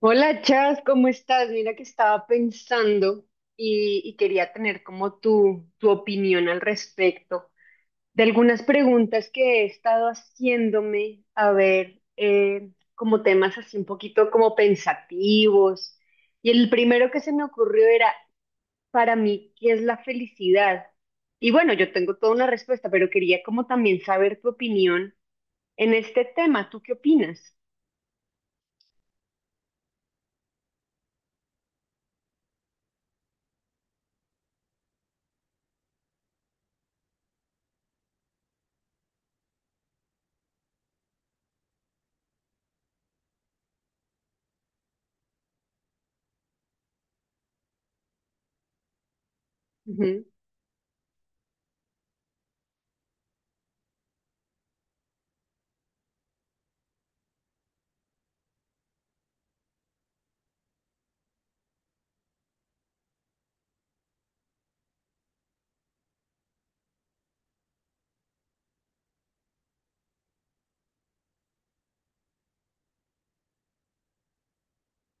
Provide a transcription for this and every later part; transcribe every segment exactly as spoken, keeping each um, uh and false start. Hola Chas, ¿cómo estás? Mira que estaba pensando y, y quería tener como tu, tu opinión al respecto de algunas preguntas que he estado haciéndome, a ver, eh, como temas así un poquito como pensativos. Y el primero que se me ocurrió era, para mí, ¿qué es la felicidad? Y bueno, yo tengo toda una respuesta, pero quería como también saber tu opinión en este tema. ¿Tú qué opinas?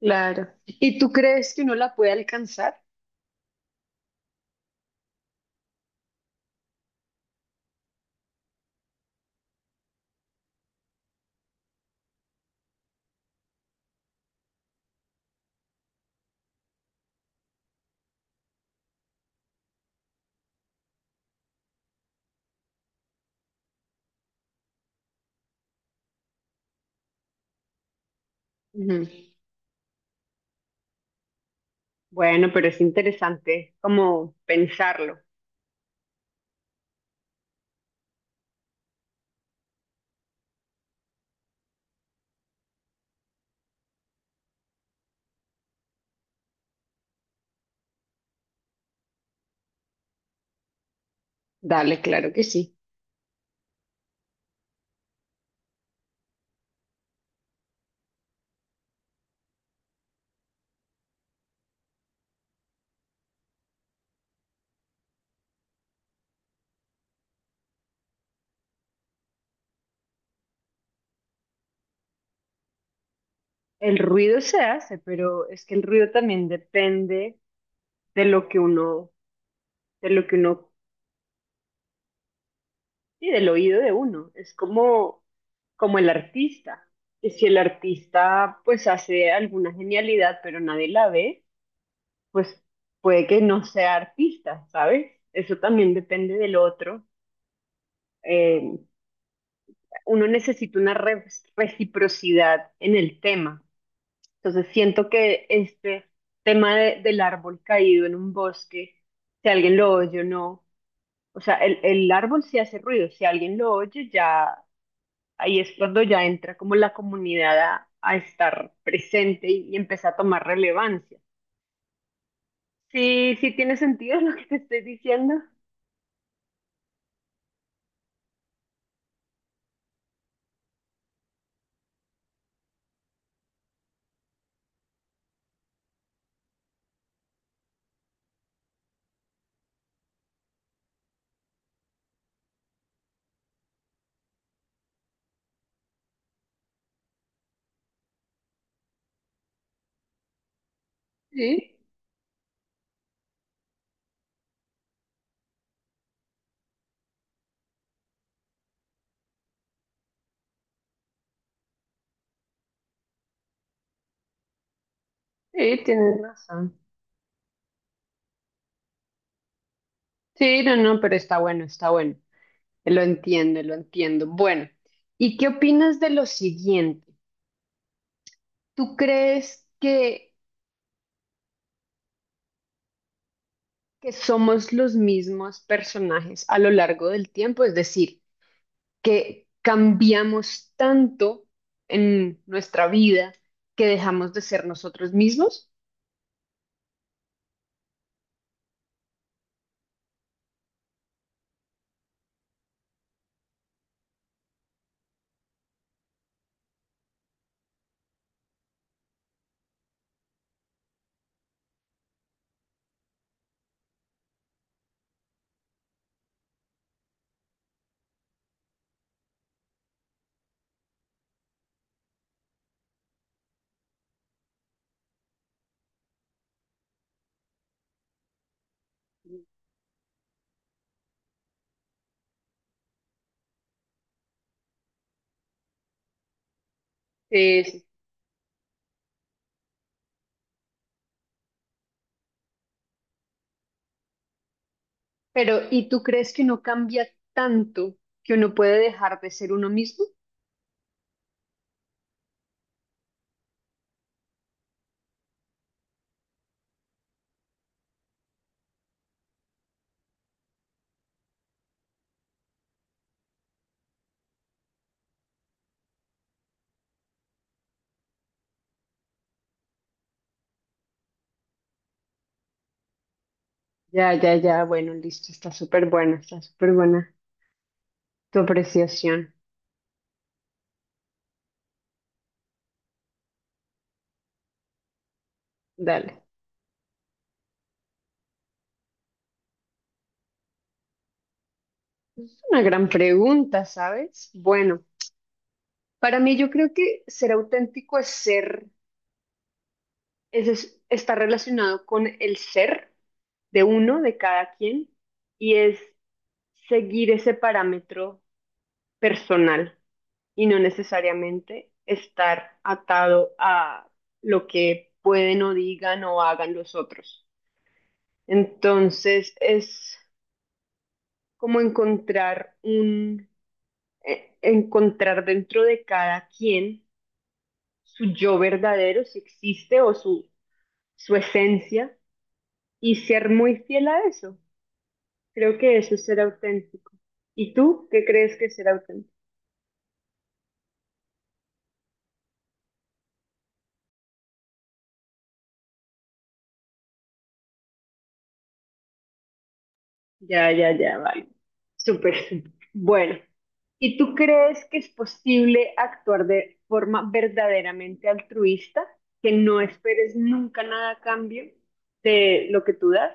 Claro. ¿Y tú crees que uno la puede alcanzar? Ujú. Bueno, pero es interesante como pensarlo. Dale, claro que sí. El ruido se hace, pero es que el ruido también depende de lo que uno, de lo que uno, y del oído de uno. Es como, como el artista. Y si el artista pues hace alguna genialidad, pero nadie la ve, pues puede que no sea artista, ¿sabes? Eso también depende del otro. Eh, uno necesita una re- reciprocidad en el tema. Entonces siento que este tema de- del árbol caído en un bosque, si alguien lo oye o no, o sea, el, el árbol sí hace ruido, si alguien lo oye ya, ahí es cuando ya entra como la comunidad a, a estar presente y, y empieza a tomar relevancia. Sí, sí tiene sentido lo que te estoy diciendo. Sí, sí, tienes razón. Sí, no, no, pero está bueno, está bueno. Lo entiendo, lo entiendo. Bueno, ¿y qué opinas de lo siguiente? ¿Tú crees que, que somos los mismos personajes a lo largo del tiempo? Es decir, que cambiamos tanto en nuestra vida que dejamos de ser nosotros mismos. Eh, sí. Pero, ¿y tú crees que uno cambia tanto que uno puede dejar de ser uno mismo? Ya, ya, ya, bueno, listo, está súper buena, está súper buena tu apreciación. Dale. Es una gran pregunta, ¿sabes? Bueno, para mí yo creo que ser auténtico es ser, es, es- está relacionado con el ser de uno, de cada quien, y es seguir ese parámetro personal y no necesariamente estar atado a lo que pueden o digan o hagan los otros. Entonces es como encontrar un, eh, encontrar dentro de cada quien, su yo verdadero, si existe, o su, su esencia, y ser muy fiel a eso. Creo que eso es ser auténtico. ¿Y tú qué crees que es ser auténtico? Ya, ya, ya, vale. Súper, súper. Bueno, ¿y tú crees que es posible actuar de forma verdaderamente altruista, que no esperes nunca nada a cambio de lo que tú das?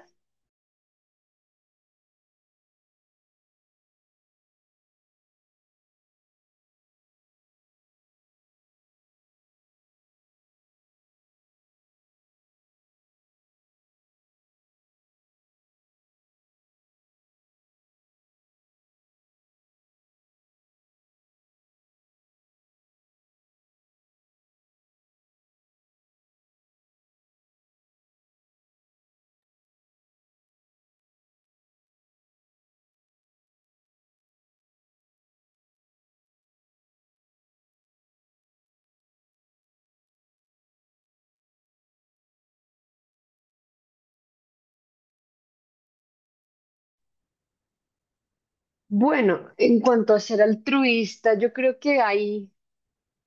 Bueno, en cuanto a ser altruista, yo creo que hay,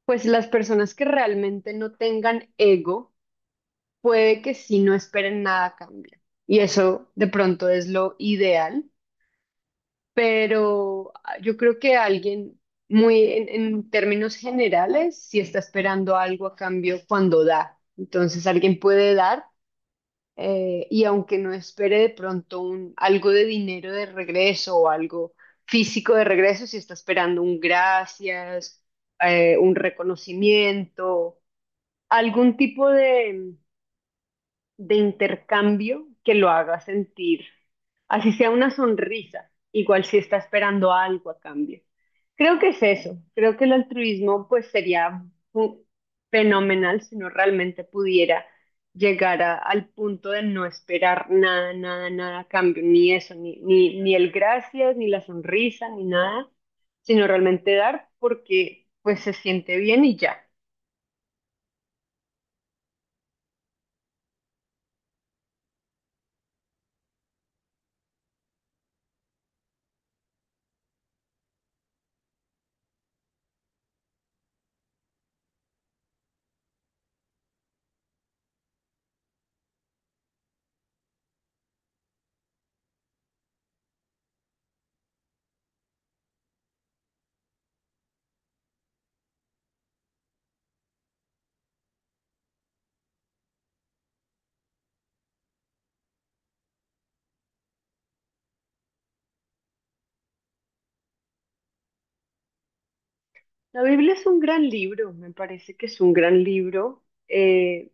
pues, las personas que realmente no tengan ego, puede que sí no esperen nada a cambio. Y eso de pronto es lo ideal, pero ah, yo creo que alguien muy en, en términos generales sí está esperando algo a cambio cuando da. Entonces alguien puede dar, eh, y aunque no espere de pronto un, algo de dinero de regreso o algo físico de regreso, si está esperando un gracias, eh, un reconocimiento, algún tipo de, de intercambio que lo haga sentir, así sea una sonrisa, igual si está esperando algo a cambio. Creo que es eso, creo que el altruismo pues sería fu- fenomenal si no realmente pudiera llegar a- al punto de no esperar nada, nada, nada a cambio, ni eso, ni, ni, ni el gracias, ni la sonrisa, ni nada, sino realmente dar porque pues se siente bien y ya. La Biblia es un gran libro, me parece que es un gran libro, eh,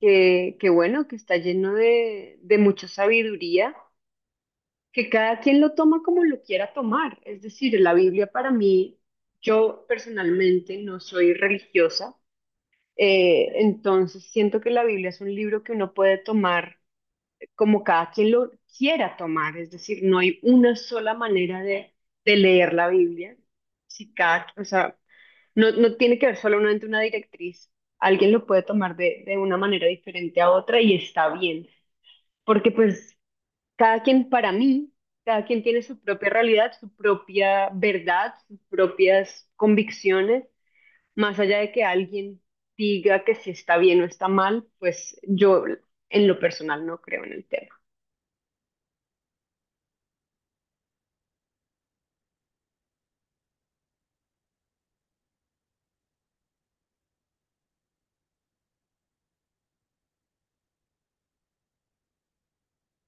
que, que bueno, que está lleno de, de mucha sabiduría, que cada quien lo toma como lo quiera tomar. Es decir, la Biblia para mí, yo personalmente no soy religiosa, eh, entonces siento que la Biblia es un libro que uno puede tomar como cada quien lo quiera tomar. Es decir, no hay una sola manera de, de leer la Biblia. Si cada, o sea, no, no tiene que ver solamente una directriz. Alguien lo puede tomar de, de una manera diferente a otra y está bien, porque pues cada quien para mí, cada quien tiene su propia realidad, su propia verdad, sus propias convicciones, más allá de que alguien diga que si está bien o está mal, pues yo en lo personal no creo en el tema.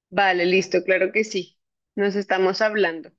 Vale, listo, claro que sí. Nos estamos hablando.